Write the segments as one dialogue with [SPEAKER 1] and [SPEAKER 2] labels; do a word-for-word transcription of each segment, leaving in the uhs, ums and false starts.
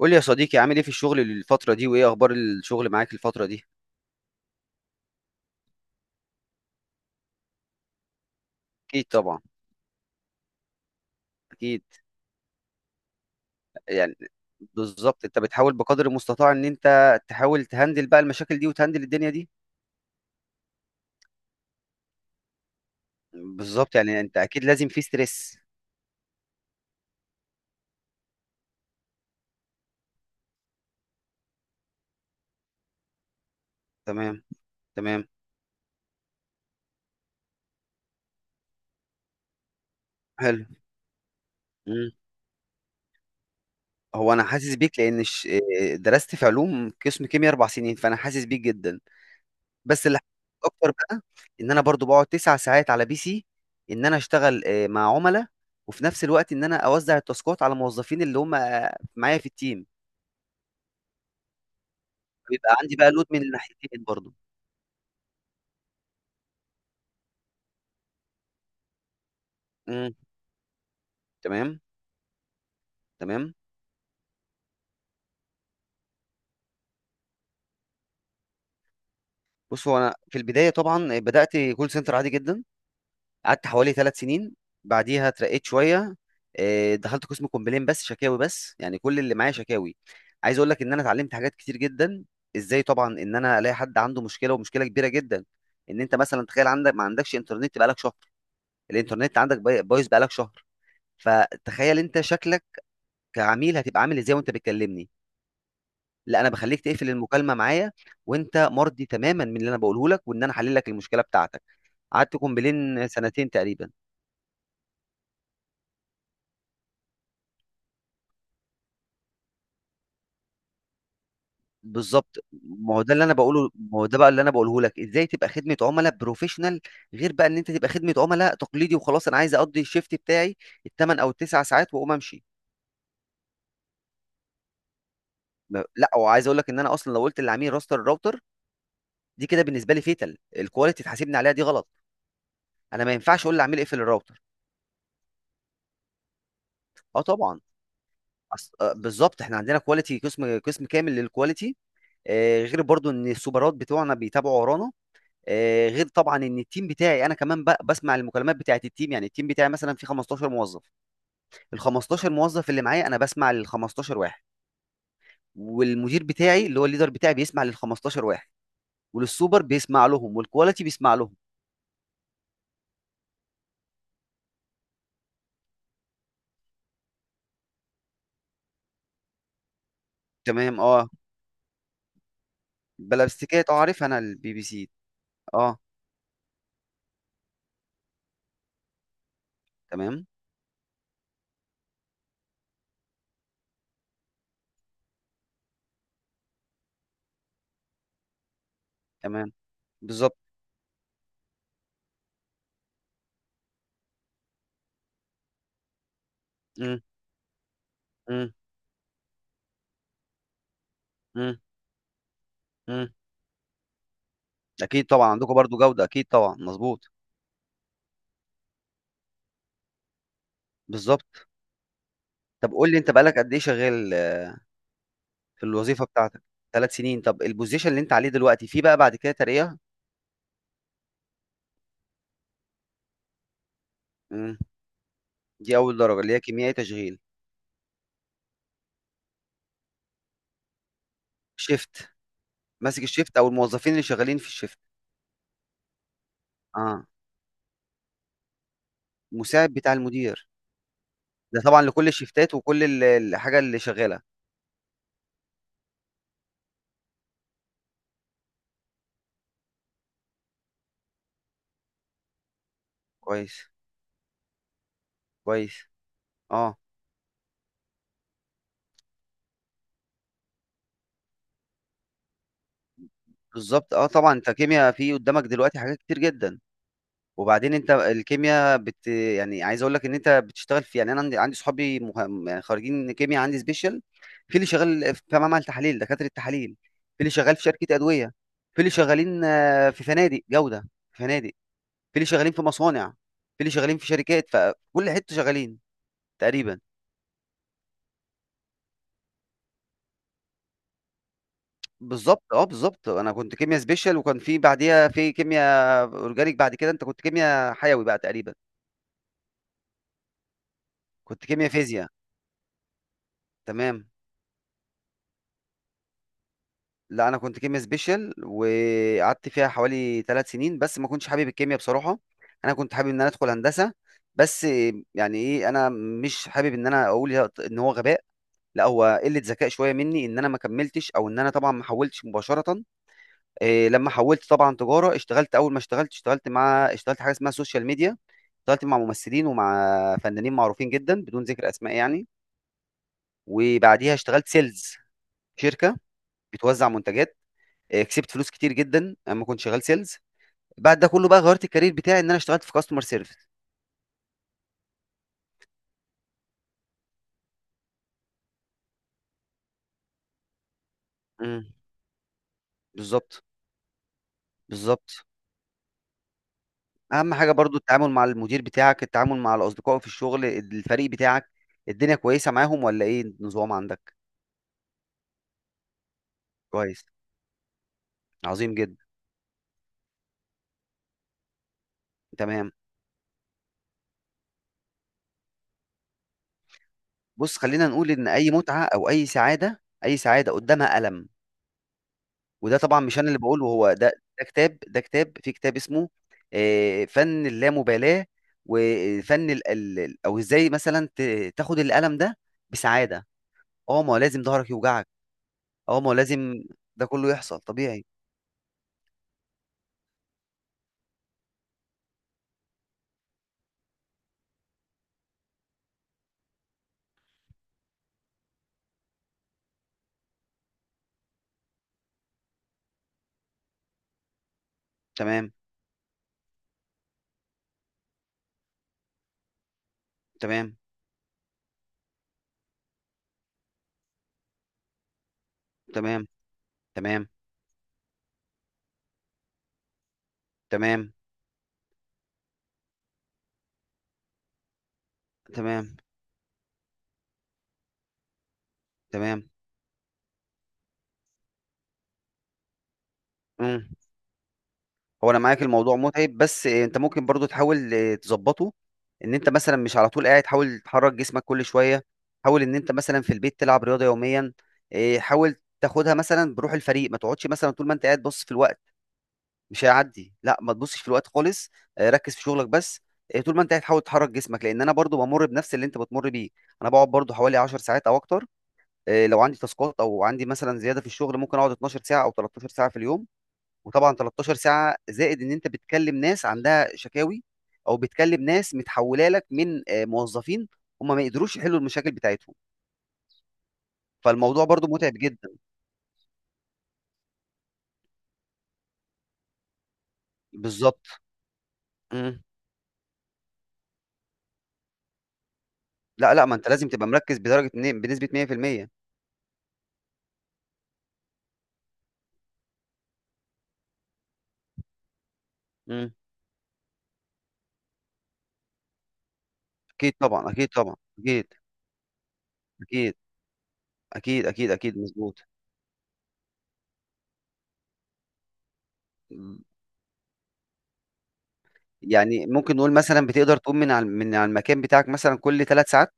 [SPEAKER 1] قول لي يا صديقي، عامل ايه في الشغل الفترة دي، وايه اخبار الشغل معاك الفترة دي؟ اكيد طبعا. اكيد. يعني بالظبط، انت بتحاول بقدر المستطاع ان انت تحاول تهندل بقى المشاكل دي وتهندل الدنيا دي. بالظبط، يعني انت اكيد لازم في ستريس. تمام. تمام. حلو. مم. هو انا حاسس بيك لان ش- درست في علوم قسم كيمياء اربع سنين، فانا حاسس بيك جدا. بس اللي حبيته اكتر بقى ان انا برضو بقعد تسع ساعات على بي سي، ان انا اشتغل آه، مع عملاء، وفي نفس الوقت ان انا اوزع التاسكات على موظفين اللي هم آه، معايا في التيم. بيبقى عندي بقى لود من الناحيتين برضو. امم. تمام. تمام. بص، هو انا في البدايه طبعا بدات كول سنتر عادي جدا، قعدت حوالي ثلاث سنين. بعديها اترقيت شويه، آه، دخلت قسم كومبلين، بس شكاوي، بس يعني كل اللي معايا شكاوي. عايز اقول لك ان انا اتعلمت حاجات كتير جدا، ازاي طبعا ان انا الاقي حد عنده مشكله ومشكله كبيره جدا. ان انت مثلا تخيل عندك ما عندكش انترنت بقالك شهر، الانترنت عندك باي- بايظ بقالك شهر، فتخيل انت شكلك كعميل هتبقى عامل ازاي وانت بتكلمني. لا، انا بخليك تقفل المكالمه معايا وانت مرضي تماما من اللي انا بقوله لك، وان انا حلل لك المشكله بتاعتك. قعدت كومبلين سنتين تقريبا. بالظبط. ما هو ده اللي انا بقوله، ما هو ده بقى اللي انا بقوله لك، ازاي تبقى خدمه عملاء بروفيشنال، غير بقى ان انت تبقى خدمه عملاء تقليدي وخلاص، انا عايز اقضي الشيفت بتاعي الثمان او التسع ساعات واقوم امشي. ما- لا، وعايز اقول لك ان انا اصلا لو قلت للعميل راستر الراوتر، دي كده بالنسبه لي فيتال، الكواليتي تحاسبني عليها، دي غلط. انا ما ينفعش اقول للعميل اقفل الراوتر. اه طبعا. أص... آه بالظبط، احنا عندنا كواليتي، قسم قسم كامل للكواليتي. آه غير برضو ان السوبرات بتوعنا بيتابعوا ورانا. آه، غير طبعا ان التيم بتاعي انا كمان ب- بسمع المكالمات بتاعه التيم، يعني التيم بتاعي مثلا فيه خمستاشر موظف. ال خمستاشر موظف اللي معايا انا بسمع لل خمستاشر واحد، والمدير بتاعي اللي هو الليدر بتاعي بيسمع لل خمستاشر واحد، وللسوبر بيسمع لهم، والكواليتي بيسمع لهم. تمام. اه. بلا بستيكات. اه، عارف، انا البي بي سي. اه. تمام. تمام. بالظبط. امم. امم. امم. امم. اكيد طبعا، عندكم برضو جوده، اكيد طبعا، مظبوط. بالظبط. طب قول لي، انت بقالك قد ايه شغال في الوظيفه بتاعتك؟ ثلاث سنين؟ طب البوزيشن اللي انت عليه دلوقتي فيه بقى بعد كده ترقيه؟ مم. دي اول درجه اللي هي كيميائي تشغيل. شيفت، ماسك الشيفت، او الموظفين اللي شغالين في الشيفت. اه، مساعد بتاع المدير، ده طبعا لكل الشيفتات وكل ال- الحاجه اللي شغاله. كويس. كويس. اه، بالظبط. اه طبعا، انت كيمياء، في قدامك دلوقتي حاجات كتير جدا. وبعدين انت الكيمياء بت، يعني عايز اقول لك ان انت بتشتغل في، يعني انا عندي عندي صحابي مه... يعني خارجين كيمياء، عندي سبيشال، في اللي شغال في معمل تحاليل دكاتره التحاليل، في اللي شغال في شركه ادويه، في اللي شغالين آه، في فنادق جوده، في فنادق، في اللي شغالين في مصانع، في اللي شغالين في شركات، فكل حته شغالين تقريبا. بالظبط. اه، بالظبط، انا كنت كيمياء سبيشال، وكان في بعديها في كيمياء اورجانيك، بعد كده انت كنت كيمياء حيوي بقى تقريبا. كنت كيمياء فيزياء. تمام. لا، انا كنت كيميا سبيشال وقعدت فيها حوالي ثلاث سنين، بس ما كنتش حابب الكيميا بصراحه. انا كنت حابب ان انا ادخل هندسه، بس، يعني ايه، انا مش حابب ان انا اقول يا- ان هو غباء، لا هو قله ذكاء شويه مني ان انا ما كملتش او ان انا طبعا ما حولتش مباشره. إيه لما حولت طبعا تجاره، اشتغلت، اول ما اشتغلت اشتغلت مع اشتغلت حاجه اسمها سوشيال ميديا، اشتغلت مع ممثلين ومع فنانين معروفين جدا بدون ذكر اسماء يعني. وبعديها اشتغلت سيلز، شركه بتوزع منتجات. آه، كسبت فلوس كتير جدا اما كنت شغال سيلز. بعد ده كله بقى غيرت الكارير بتاعي ان انا اشتغلت في كاستمر سيرفيس. امم. بالظبط. بالظبط. اهم حاجه برضو التعامل مع المدير بتاعك، التعامل مع الاصدقاء في الشغل، الفريق بتاعك، الدنيا كويسه معاهم ولا ايه النظام عندك؟ كويس. عظيم جدا. تمام. بص، خلينا نقول ان اي متعه او اي سعاده، اي سعاده قدامها الم. وده طبعا مش انا اللي باقوله، هو ده، ده كتاب ده كتاب، في كتاب اسمه آآ، فن اللامبالاة، وفن ال ال ال أو إزاي مثلًا ت تاخد الألم ده بسعادة. آه، ما هو لازم ضهرك يوجعك. آه، ما هو لازم، ده كله يحصل طبيعي. تمام. تمام. تمام. تمام. تمام. تمام. تمام. إمم. هو انا معاك، الموضوع متعب، بس آه، انت ممكن برضو تحاول آه، تظبطه. ان انت مثلا مش على طول قاعد، حاول تحرك جسمك كل شويه. حاول ان انت مثلا في البيت تلعب رياضه يوميا. آه، حاول تاخدها مثلا بروح الفريق، ما تقعدش مثلا طول ما انت قاعد بص في الوقت، مش هيعدي، لا ما تبصش في الوقت خالص. آه، ركز في شغلك بس. آه، طول ما انت قاعد حاول تحرك جسمك، لان انا برضو بمر بنفس اللي انت بتمر بيه. انا بقعد برضو حوالي 10 ساعات او اكتر. آه، لو عندي تاسكات او عندي مثلا زياده في الشغل ممكن اقعد 12 ساعه او 13 ساعه في اليوم. وطبعا 13 ساعه زائد ان انت بتكلم ناس عندها شكاوي، او بتكلم ناس متحوله لك من آه، موظفين هم ما يقدروش يحلوا المشاكل بتاعتهم، فالموضوع برضو متعب جدا. بالظبط. مم. لا لا، ما انت لازم تبقى مركز بدرجه إن- بنسبه مية في المية. مم. اكيد طبعا. اكيد طبعا. اكيد. اكيد. اكيد. اكيد. اكيد مظبوط. مم. يعني ممكن نقول مثلا بتقدر تقوم من على من على المكان بتاعك مثلا كل ثلاث ساعات؟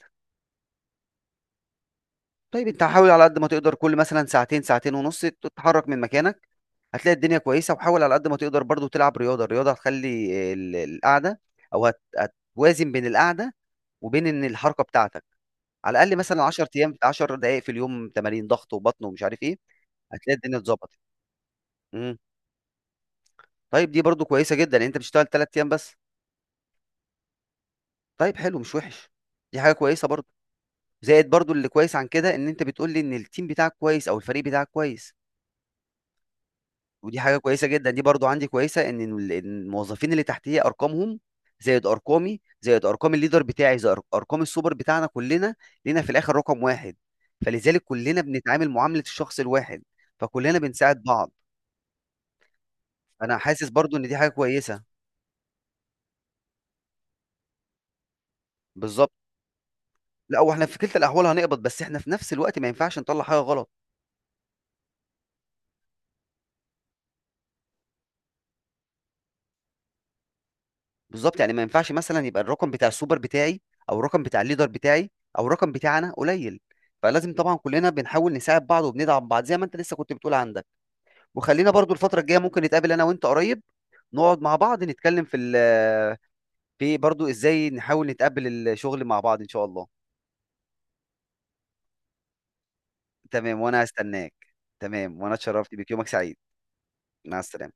[SPEAKER 1] طيب، انت حاول على قد ما تقدر كل مثلا ساعتين، ساعتين ونص تتحرك من مكانك، هتلاقي الدنيا كويسه. وحاول على قد ما تقدر برضو تلعب رياضه، الرياضه هتخلي ال- القعده، او هت- هتوازن بين القعده وبين ان الحركه بتاعتك. على الاقل مثلا 10 ايام، 10 دقائق في اليوم، تمارين ضغط وبطن ومش عارف ايه، هتلاقي الدنيا اتظبطت. امم. طيب دي برضو كويسه جدا، يعني انت بتشتغل 3 ايام بس. طيب حلو، مش وحش. دي حاجه كويسه برضو. زائد برضو اللي كويس عن كده ان انت بتقول لي ان التيم بتاعك كويس او الفريق بتاعك كويس. ودي حاجه كويسه جدا، دي برضو عندي كويسه ان ال- إن الموظفين اللي تحتيه ارقامهم زائد ارقامي زائد ارقام الليدر بتاعي زائد أر- ارقام السوبر بتاعنا، كلنا لينا في الاخر رقم واحد. فلذلك كلنا بنتعامل معامله الشخص الواحد، فكلنا بنساعد بعض. انا حاسس برضو ان دي حاجه كويسه. بالظبط. لا، واحنا في كلتا الاحوال هنقبض، بس احنا في نفس الوقت ما ينفعش نطلع حاجه غلط. بالظبط، يعني ما ينفعش مثلا يبقى الرقم بتاع السوبر بتاعي، او الرقم بتاع الليدر بتاعي، او الرقم بتاعنا قليل. فلازم طبعا كلنا بنحاول نساعد بعض وبندعم بعض زي ما انت لسه كنت بتقول عندك. وخلينا برضو الفتره الجايه ممكن نتقابل انا وانت قريب، نقعد مع بعض نتكلم في ال- في برضو ازاي نحاول نتقابل الشغل مع بعض ان شاء الله. تمام، وانا هستناك. تمام، وانا اتشرفت بك. يومك سعيد. مع السلامه.